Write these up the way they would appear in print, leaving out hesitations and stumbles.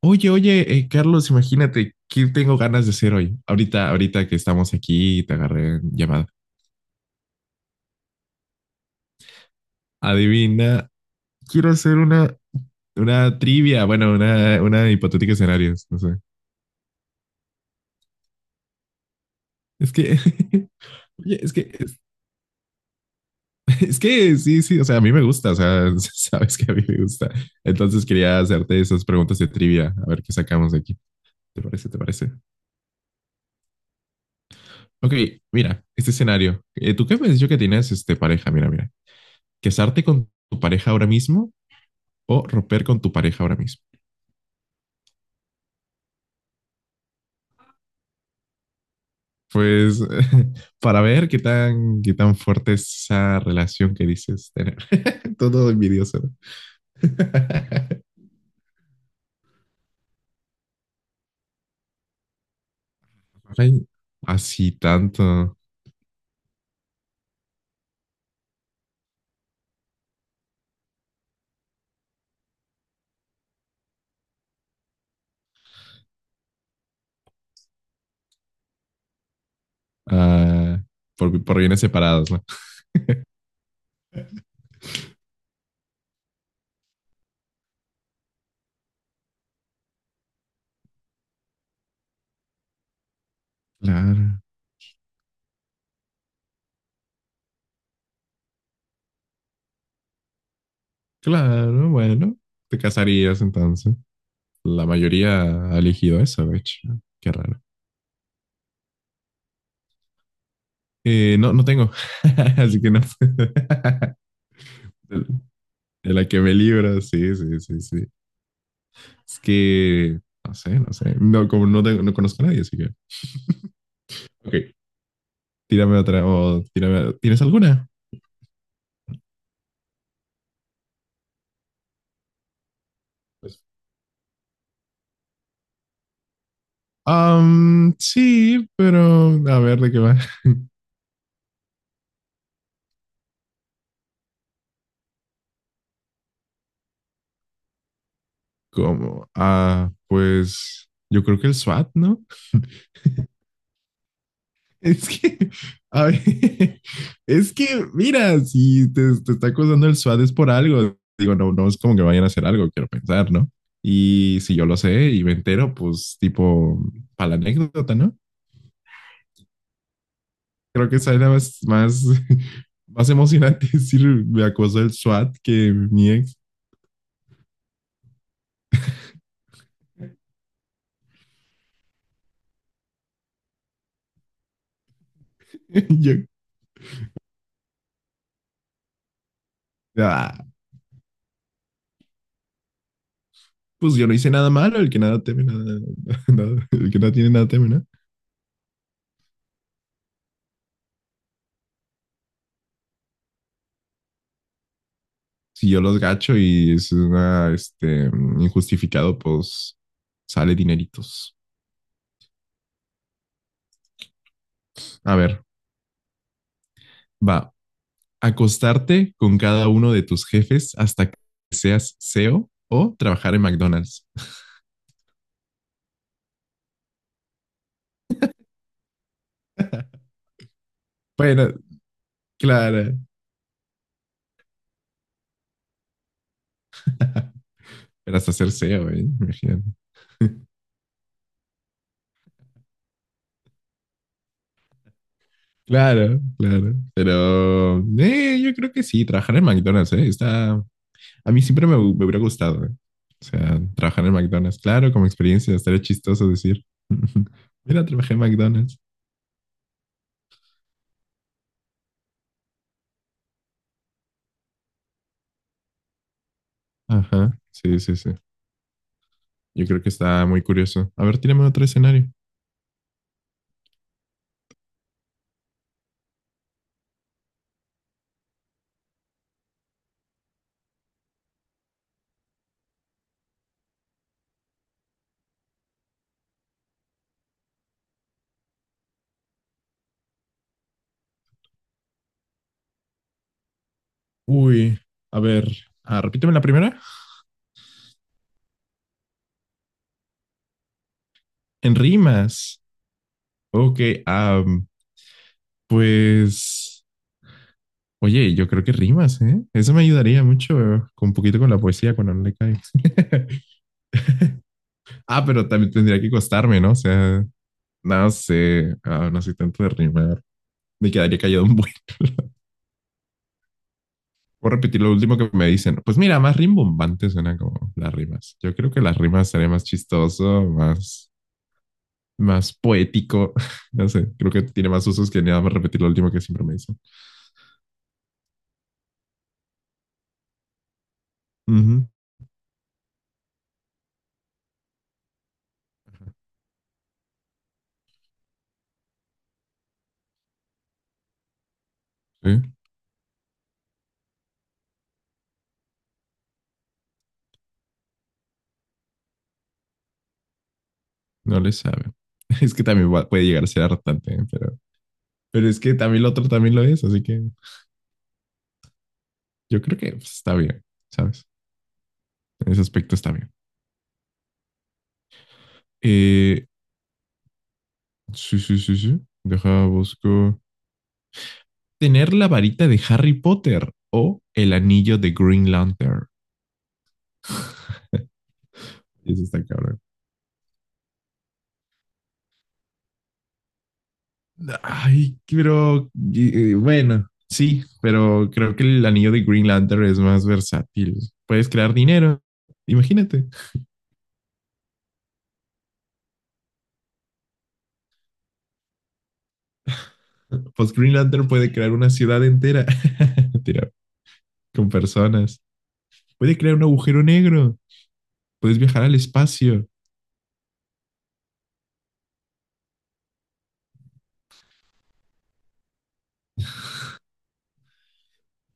Oye, oye, Carlos, imagínate, ¿qué tengo ganas de hacer hoy? Ahorita que estamos aquí, y te agarré en llamada. Adivina, quiero hacer una trivia, bueno, una hipotética escenarios, no sé. Es que, oye, es que sí, sí, o sea, a mí me gusta, o sea, sabes que a mí me gusta. Entonces quería hacerte esas preguntas de trivia, a ver qué sacamos de aquí. ¿Te parece? ¿Te parece? Ok, mira, este escenario. ¿Tú qué me has dicho que tienes este, pareja? Mira, mira. ¿Casarte con tu pareja ahora mismo? ¿O romper con tu pareja ahora mismo? Pues para ver qué tan fuerte es esa relación que dices tener. Todo envidioso. ¿No? Ay, así tanto. Ah, por bienes separados, ¿no? Claro, claro, bueno. Te casarías entonces. La mayoría ha elegido eso, de hecho. Qué raro. No, no tengo. Así que no. De la que me libro, sí, sí, sí, sí. Es que, no sé, no sé. No, como no, tengo- no conozco a nadie, así que. Ok, tírame otra. O tírame- ¿Tienes alguna? Pues, sí, pero a ver de qué va. ¿Cómo? Ah, pues yo creo que el SWAT, ¿no? Es que, a ver, es que, mira, si te está acusando el SWAT es por algo. Digo, no, no es como que vayan a hacer algo, quiero pensar, ¿no? Y si yo lo sé y me entero, pues tipo, para la anécdota, ¿no? Creo que esa era más emocionante decir me acosó el SWAT que mi ex. Yo, ah, pues yo no hice nada malo, el que nada teme, nada, nada- el que no tiene nada teme, ¿no? Si yo los gacho y es una, este, injustificado, pues sale dineritos. A ver, va. Acostarte con cada uno de tus jefes hasta que seas CEO o trabajar en McDonald's. Bueno, claro. Pero hasta ser CEO, ¿eh? Imagínate. Claro, claro. Pero yo creo que sí, trabajar en McDonald's, está... A mí siempre me, hu- me hubiera gustado, eh. O sea, trabajar en McDonald's, claro, como experiencia, estaría chistoso decir, mira, trabajé en McDonald's. Ajá, sí, sí, sí. Yo creo que está muy curioso. A ver, tírame otro escenario. Uy, a ver, ah, repíteme la primera. En rimas. Ok, am, pues, oye, yo creo que rimas, ¿eh? Eso me ayudaría mucho, con un poquito con la poesía cuando no le cae. Ah, pero también tendría que costarme, ¿no? O sea, no sé, ah, no soy tanto de rimar. Me quedaría callado un buen. Voy a repetir lo último que me dicen. Pues mira, más rimbombante suena como las rimas. Yo creo que las rimas sería más chistoso, más, más poético. No sé, creo que tiene más usos que nada más repetir lo último que siempre me dicen. Ujú, sí, no le sabe. Es que también va- puede llegar a ser hartante, ¿eh? Pero es que también lo otro también lo es, así que yo creo que pues, está bien, ¿sabes? En ese aspecto está bien. Eh, Sí, sí, sí, sí. Deja, busco. Tener la varita de Harry Potter o el anillo de Green Lantern. Eso está cabrón. Ay, pero y- bueno, sí, pero creo que el anillo de Green Lantern es más versátil. Puedes crear dinero. Imagínate. Pues Green Lantern puede crear una ciudad entera. Mentira, con personas. Puede crear un agujero negro. Puedes viajar al espacio.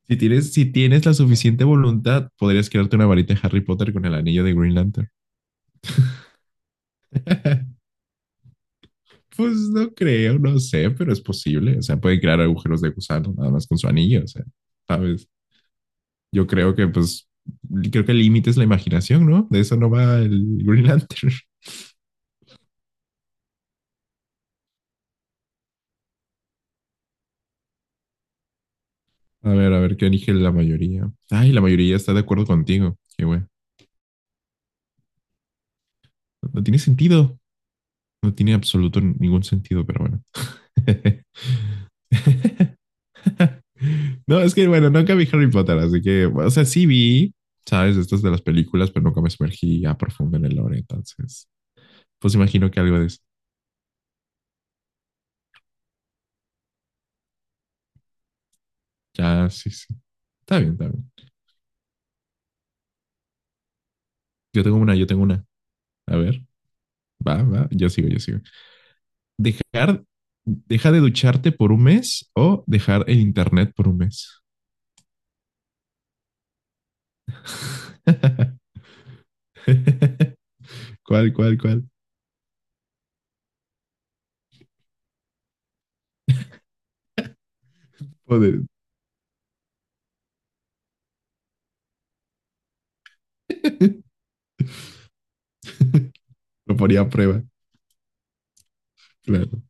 Si tienes la suficiente voluntad, podrías crearte una varita de Harry Potter con el anillo de Green Lantern. Pues no creo, no sé, pero es posible. O sea, pueden crear agujeros de gusano nada más con su anillo, o sea, ¿sabes? Yo creo que, pues, creo que el límite es la imaginación, ¿no? De eso no va el Green Lantern. A ver, ¿qué elige la mayoría? Ay, la mayoría está de acuerdo contigo. Qué bueno. No no tiene sentido. No tiene absoluto ningún sentido, pero bueno. No, es que, bueno, nunca vi Harry Potter, así que, o sea, sí vi, ¿sabes? Estas de las películas, pero nunca me sumergí a profundo en el lore, entonces. Pues imagino que algo de eso. Ya, sí, sí. Está bien, está bien. Yo tengo una, yo tengo una. A ver, va, va, yo sigo. Dejar, deja de ducharte por un mes o dejar el internet por un mes. ¿Cuál, cuál, cuál? Joder. Lo ponía a prueba, claro.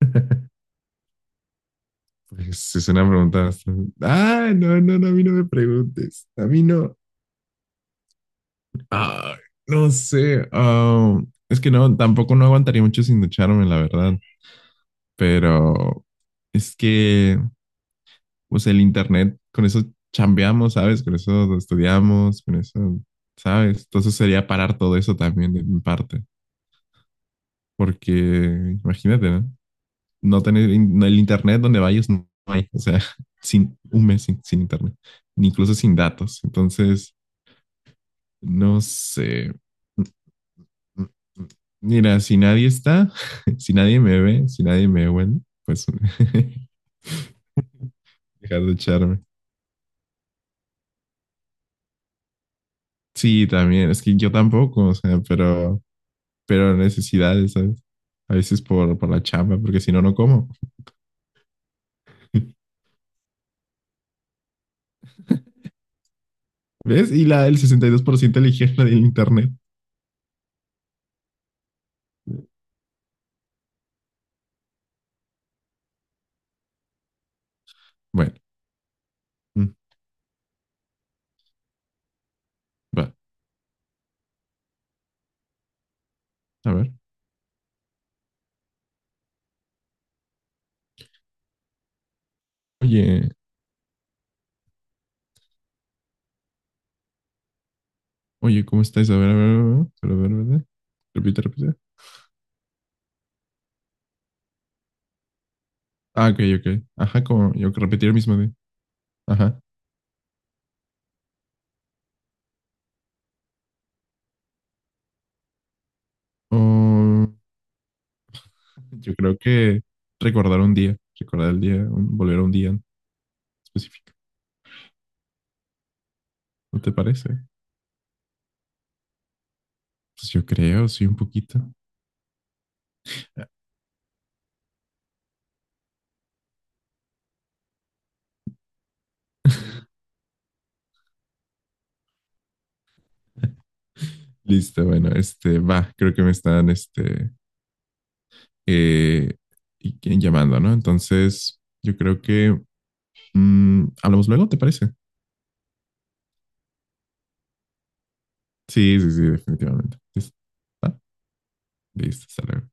Pues es una pregunta bastante- Ah, no, no, no, a mí no me preguntes. A mí no. Ah, no sé. Ah, es que no, tampoco no aguantaría mucho sin ducharme, la verdad. Pero es que, pues el internet, con eso chambeamos, ¿sabes? Con eso estudiamos, con eso, ¿sabes? Entonces sería parar todo eso también de mi parte, porque imagínate, ¿no? No tener in- no, el internet donde vayas no hay, o sea, sin un mes sin internet, ni incluso sin datos. Entonces, no sé. Mira, si nadie está, si nadie me ve, si nadie me huele, pues dejar de echarme. Sí, también, es que yo tampoco, o sea, pero necesidades, ¿sabes? A veces por la chamba, porque si no, no como. ¿Ves? Y la, el 62% eligió la del internet. Bueno, mm, va, a ver. Oye, oye, ¿cómo estáis? A ver, a ver, a ver, solo a ver, ¿verdad? Repite, repite. Ah, ok, ok. Ajá, como yo que repetir el mismo día. Ajá. Oh, yo creo que recordar un día, recordar el día, un- volver a un día específico. ¿No te parece? Pues yo creo, sí, un poquito. Listo, bueno, este va, creo que me están este eh, y llamando, ¿no? Entonces, yo creo que mm, hablamos luego, ¿te parece? Sí, sí, sí, definitivamente. Listo, va, listo, hasta luego.